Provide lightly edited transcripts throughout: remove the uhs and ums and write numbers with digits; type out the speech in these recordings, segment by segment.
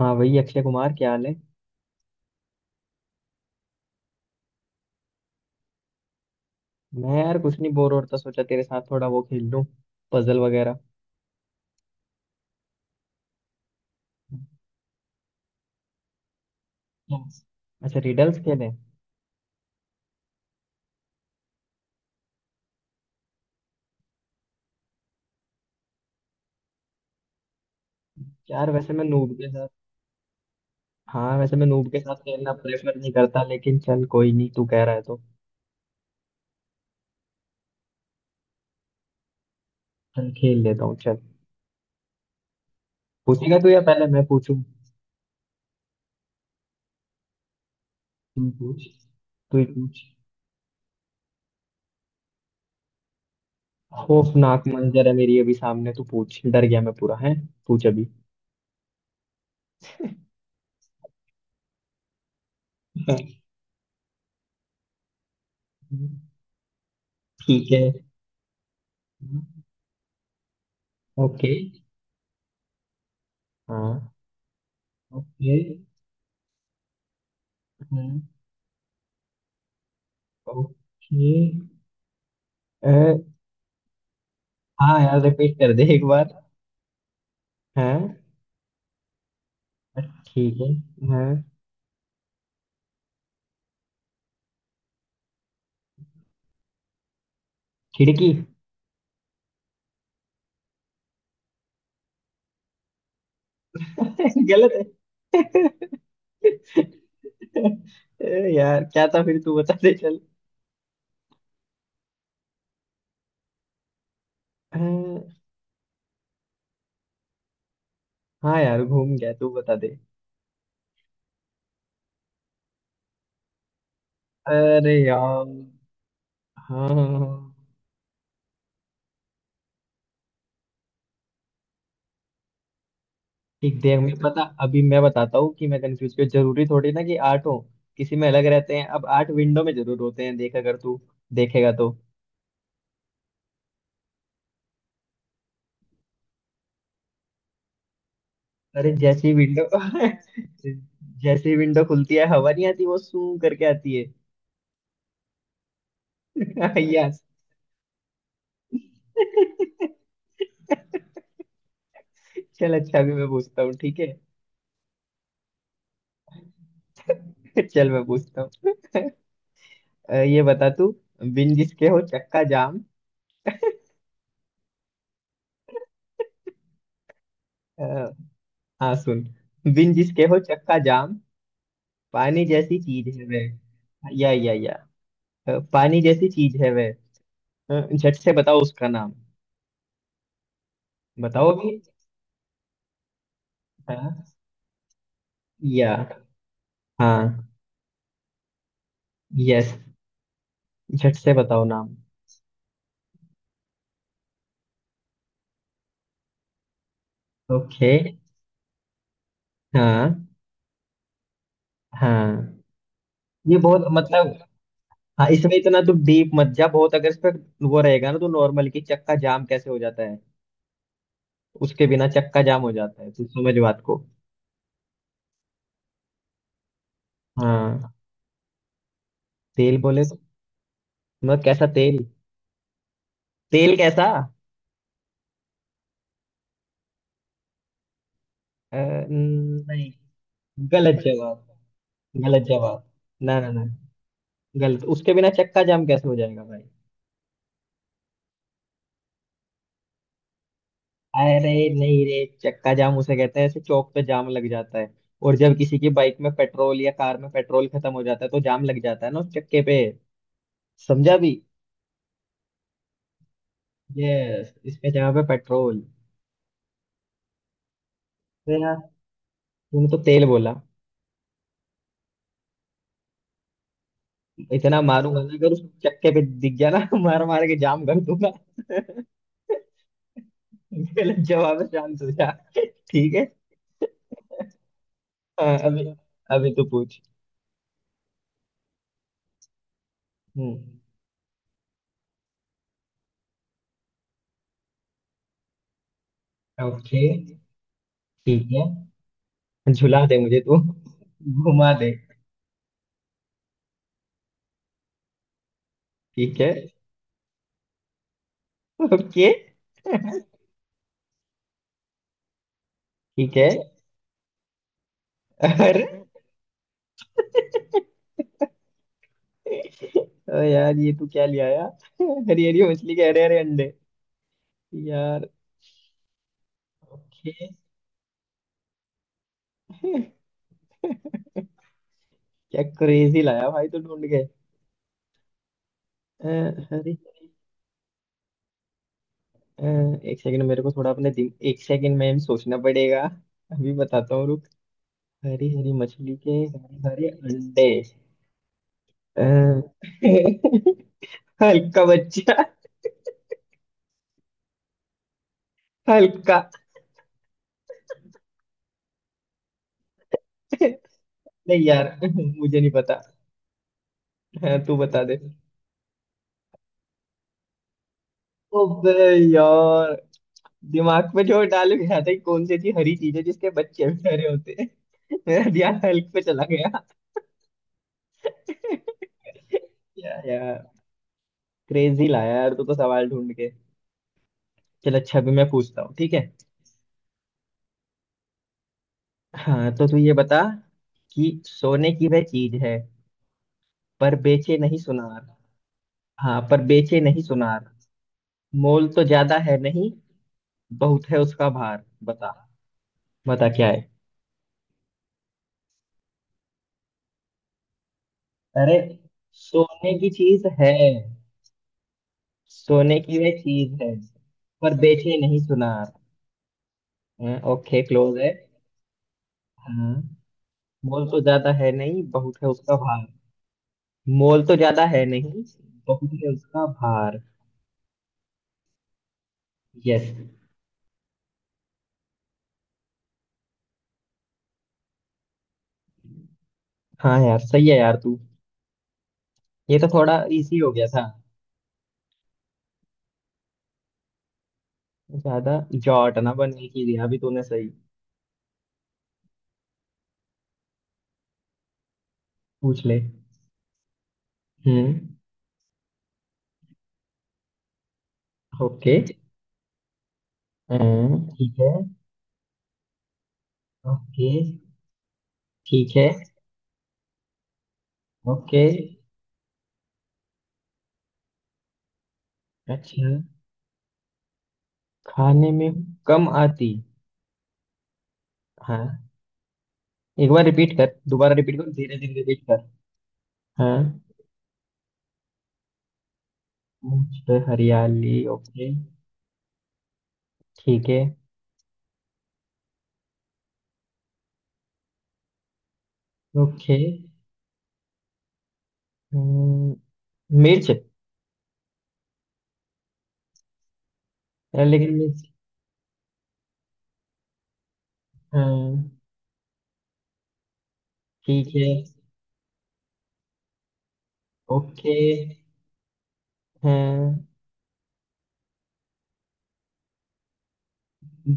हाँ, वही अक्षय कुमार. क्या हाल है. मैं यार कुछ नहीं, बोर हो रहा था, सोचा तेरे साथ थोड़ा वो खेल लूं. पजल वगैरह. Yes. अच्छा, रिडल्स खेले. यार वैसे मैं नूब के साथ. हाँ, वैसे मैं नूब के साथ खेलना प्रेफर नहीं करता, लेकिन चल, कोई नहीं, तू कह रहा है तो. चल, खेल लेता हूँ, चल. पूछेगा तू या पहले मैं पूछूं? तू पूछ. तू ही पूछ. खौफनाक मंजर है मेरी अभी सामने, तू पूछ, डर गया मैं पूरा है. पूछ अभी. हाँ. ठीक है. ओके. हाँ. ओके. ओके. अ, हाँ, यार रिपीट कर दे एक बार. हाँ. ठीक है. हाँ. खिड़की. गलत है. ए, यार क्या था, फिर तू बता दे, चल. अ, हाँ यार, घूम गया, तू बता दे. अरे यार. हाँ, हाँ, हाँ. ठीक, देख मैं, पता, अभी मैं बताता हूँ कि मैं कंफ्यूज क्यों. जरूरी थोड़ी ना कि आठ हो. किसी में अलग रहते हैं, अब आठ विंडो में जरूर होते हैं, देख अगर तू देखेगा तो. अरे, जैसे ही विंडो जैसे ही विंडो खुलती है, हवा नहीं आती, वो सू करके आती है. यस. चल अच्छा, भी मैं पूछता हूँ, ठीक है. चल, मैं पूछता हूँ. ये बता तू. बिन जिसके हो चक्का जाम. अ, हाँ, सुन. बिन जिसके हो चक्का जाम. पानी जैसी चीज है वह, या. पानी जैसी चीज है वह. झट से बताओ उसका नाम. बताओ भी. हाँ. या. हाँ. यस. झट से बताओ नाम. ओके. हाँ. हाँ. ये बहुत मतलब. हाँ, इसमें इतना तो डीप मत जा. बहुत अगर इस पे वो रहेगा ना तो नॉर्मल की चक्का जाम कैसे हो जाता है. उसके बिना चक्का जाम हो जाता है, तू समझ बात को. हाँ. तेल बोले तो. मतलब कैसा तेल. तेल कैसा. नहीं. गलत जवाब. गलत जवाब. ना, ना, ना. गलत. उसके बिना चक्का जाम कैसे हो जाएगा भाई? अरे. नहीं रे, चक्का जाम उसे कहते हैं, ऐसे चौक पे जाम लग जाता है. और जब किसी की बाइक में पेट्रोल या कार में पेट्रोल खत्म हो जाता है, तो जाम लग जाता है ना उस चक्के पे. समझा भी. यस, इसमें जगह पे पेट्रोल. तो यार, तूने तो तेल बोला. इतना मारूंगा ना, अगर उस चक्के पे दिख गया ना मार मार के जाम कर दूंगा. गलत जवाब है, शांत हो जा. ठीक है. हाँ, अभी अभी तू पूछ. हम्म. ओके. ठीक है. झुला दे मुझे तू, घुमा दे. ठीक है. ओके. ठीक है. अरे ओ यार, ये तू क्या ले आया? हरी हरी मछली के हरे हरे अंडे. यार. ओके. क्या क्रेजी लाया भाई तो ढूंढ के. अ, अरे. अ, एक सेकंड मेरे को थोड़ा अपने दिन, एक सेकंड में सोचना पड़ेगा. अभी बताता हूँ, रुक. हरी हरी मछली के हरे हरे अंडे. अ, हल्का बच्चा. हल्का. नहीं यार, मुझे नहीं पता. हाँ, तू बता दे. ओबे. यार. दिमाग पे जो डाल गया था कि कौन सी ऐसी हरी चीज है जिसके बच्चे भी हरे होते हैं. मेरा ध्यान हल्क पे चला गया. या यार. क्रेजी लाया यार तू तो सवाल ढूंढ के. चल अच्छा, अभी मैं पूछता हूँ, ठीक है. हाँ तो तू ये बता कि सोने की वह चीज है, पर बेचे नहीं सुनार. हाँ, पर बेचे नहीं सुनार. मोल तो ज्यादा है नहीं, बहुत है उसका भार. बता. बता क्या है. अरे. सोने की चीज है. सोने की वह चीज है, पर बेचे नहीं सुनार. हाँ, ओके, क्लोज है. हाँ. मोल तो ज्यादा है नहीं, बहुत है उसका भार. मोल तो ज्यादा है नहीं, बहुत है उसका भार. यस. हाँ यार, सही है यार तू. ये तो थोड़ा इजी हो गया था. ज्यादा. जॉट ना बनने की दिया अभी तूने सही. पूछ ले. हम्म. ओके. ठीक है. ओके. ठीक है. ओके. अच्छा. खाने में कम आती. हाँ. एक बार रिपीट कर, दोबारा रिपीट कर, धीरे धीरे रिपीट कर. हाँ. मुझ पे हरियाली, ओके. ठीक है. ओके. हम्म, मिर्च. लेकिन मिर्च. हाँ. ठीक है. ओके. हाँ.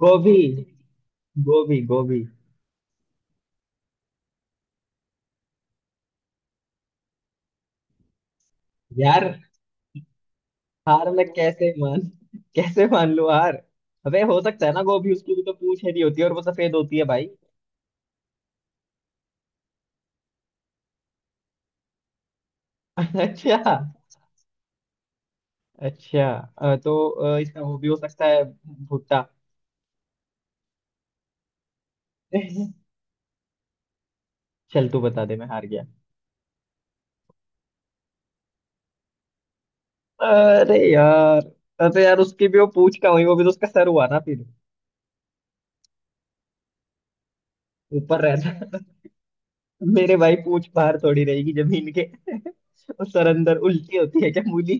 गोभी. गोभी, गोभी. यार. हार मैं कैसे मान. कैसे मान लूं हार. अबे, हो सकता है ना गोभी, उसकी भी तो पूंछ हरी होती है और वो सफेद होती है भाई. अच्छा. अच्छा. तो इसका वो भी हो सकता है. भुट्टा. चल, तू बता दे, मैं हार गया. अरे यार. अरे यार, उसकी भी वो पूंछ का हुई, वो भी तो उसका सर हुआ ना फिर. ऊपर रहता. मेरे भाई, पूंछ बाहर थोड़ी रहेगी जमीन के. और सर अंदर उल्टी होती है क्या मूली?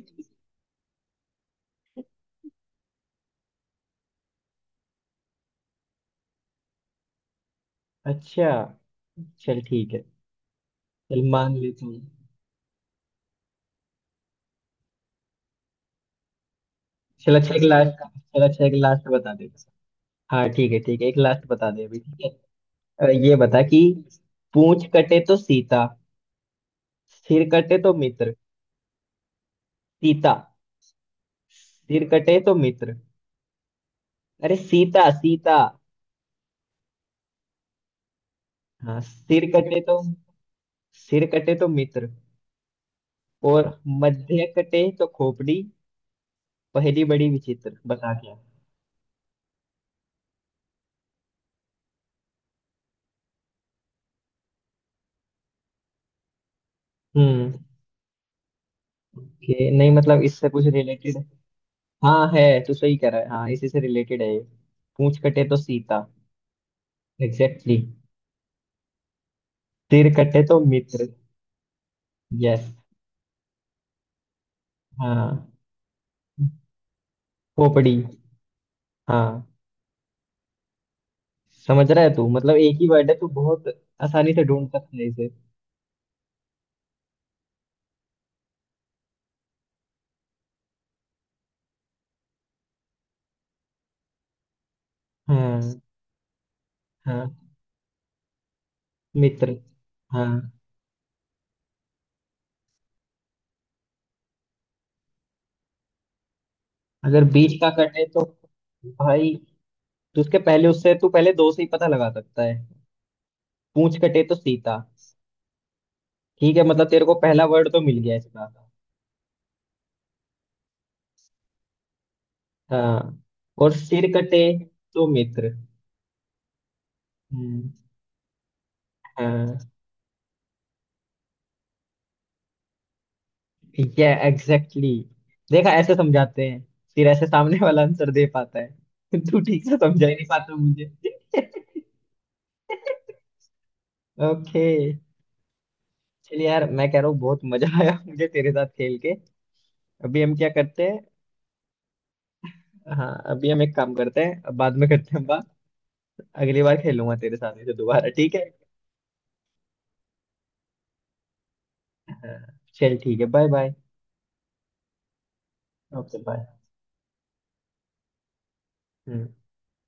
अच्छा. चल ठीक है. चल, मान लेता हूँ. चल अच्छा एक लास्ट बता दे. हाँ ठीक है, ठीक है, एक लास्ट बता दे अभी, ठीक है. ये बता कि पूंछ कटे तो सीता, सिर कटे तो मित्र. सीता. सिर कटे तो मित्र. अरे, सीता, सीता. हाँ, सिर कटे तो मित्र. और मध्य कटे तो खोपड़ी. पहली बड़ी विचित्र, बता क्या. हम्म. कि नहीं, मतलब इससे कुछ रिलेटेड. हाँ है, तो सही कह रहा है. हाँ, इसी से रिलेटेड है ये. पूंछ कटे तो सीता. Exactly, exactly. तीर कटे तो मित्र. यस. हाँ. पोपड़ी. हाँ. समझ रहा है तू, मतलब एक ही वर्ड है, तू बहुत आसानी से ढूंढ सकता है इसे. हाँ. हाँ, मित्र. हाँ. अगर बीच का कटे तो भाई, तो उसके पहले उससे तू पहले दो से ही पता लगा सकता है. पूंछ कटे तो सीता. ठीक है, मतलब तेरे को पहला वर्ड तो मिल गया इसका. हाँ. और सिर कटे तो मित्र. हम्म, हाँ. ठीक है, एग्जैक्टली, exactly. देखा, ऐसे समझाते हैं, फिर ऐसे सामने वाला आंसर दे पाता है. तू ठीक से समझा ही नहीं पाता मुझे. ओके. चलिए यार, मैं कह रहा हूँ बहुत मजा आया मुझे तेरे साथ खेल के. अभी हम क्या करते हैं. हाँ, अभी हम एक काम करते हैं, अब बाद में करते हैं बात. अगली बार खेलूंगा तेरे साथ ऐसे दोबारा, ठीक है. हाँ, चल ठीक है, बाय बाय. Okay, bye. हम्म.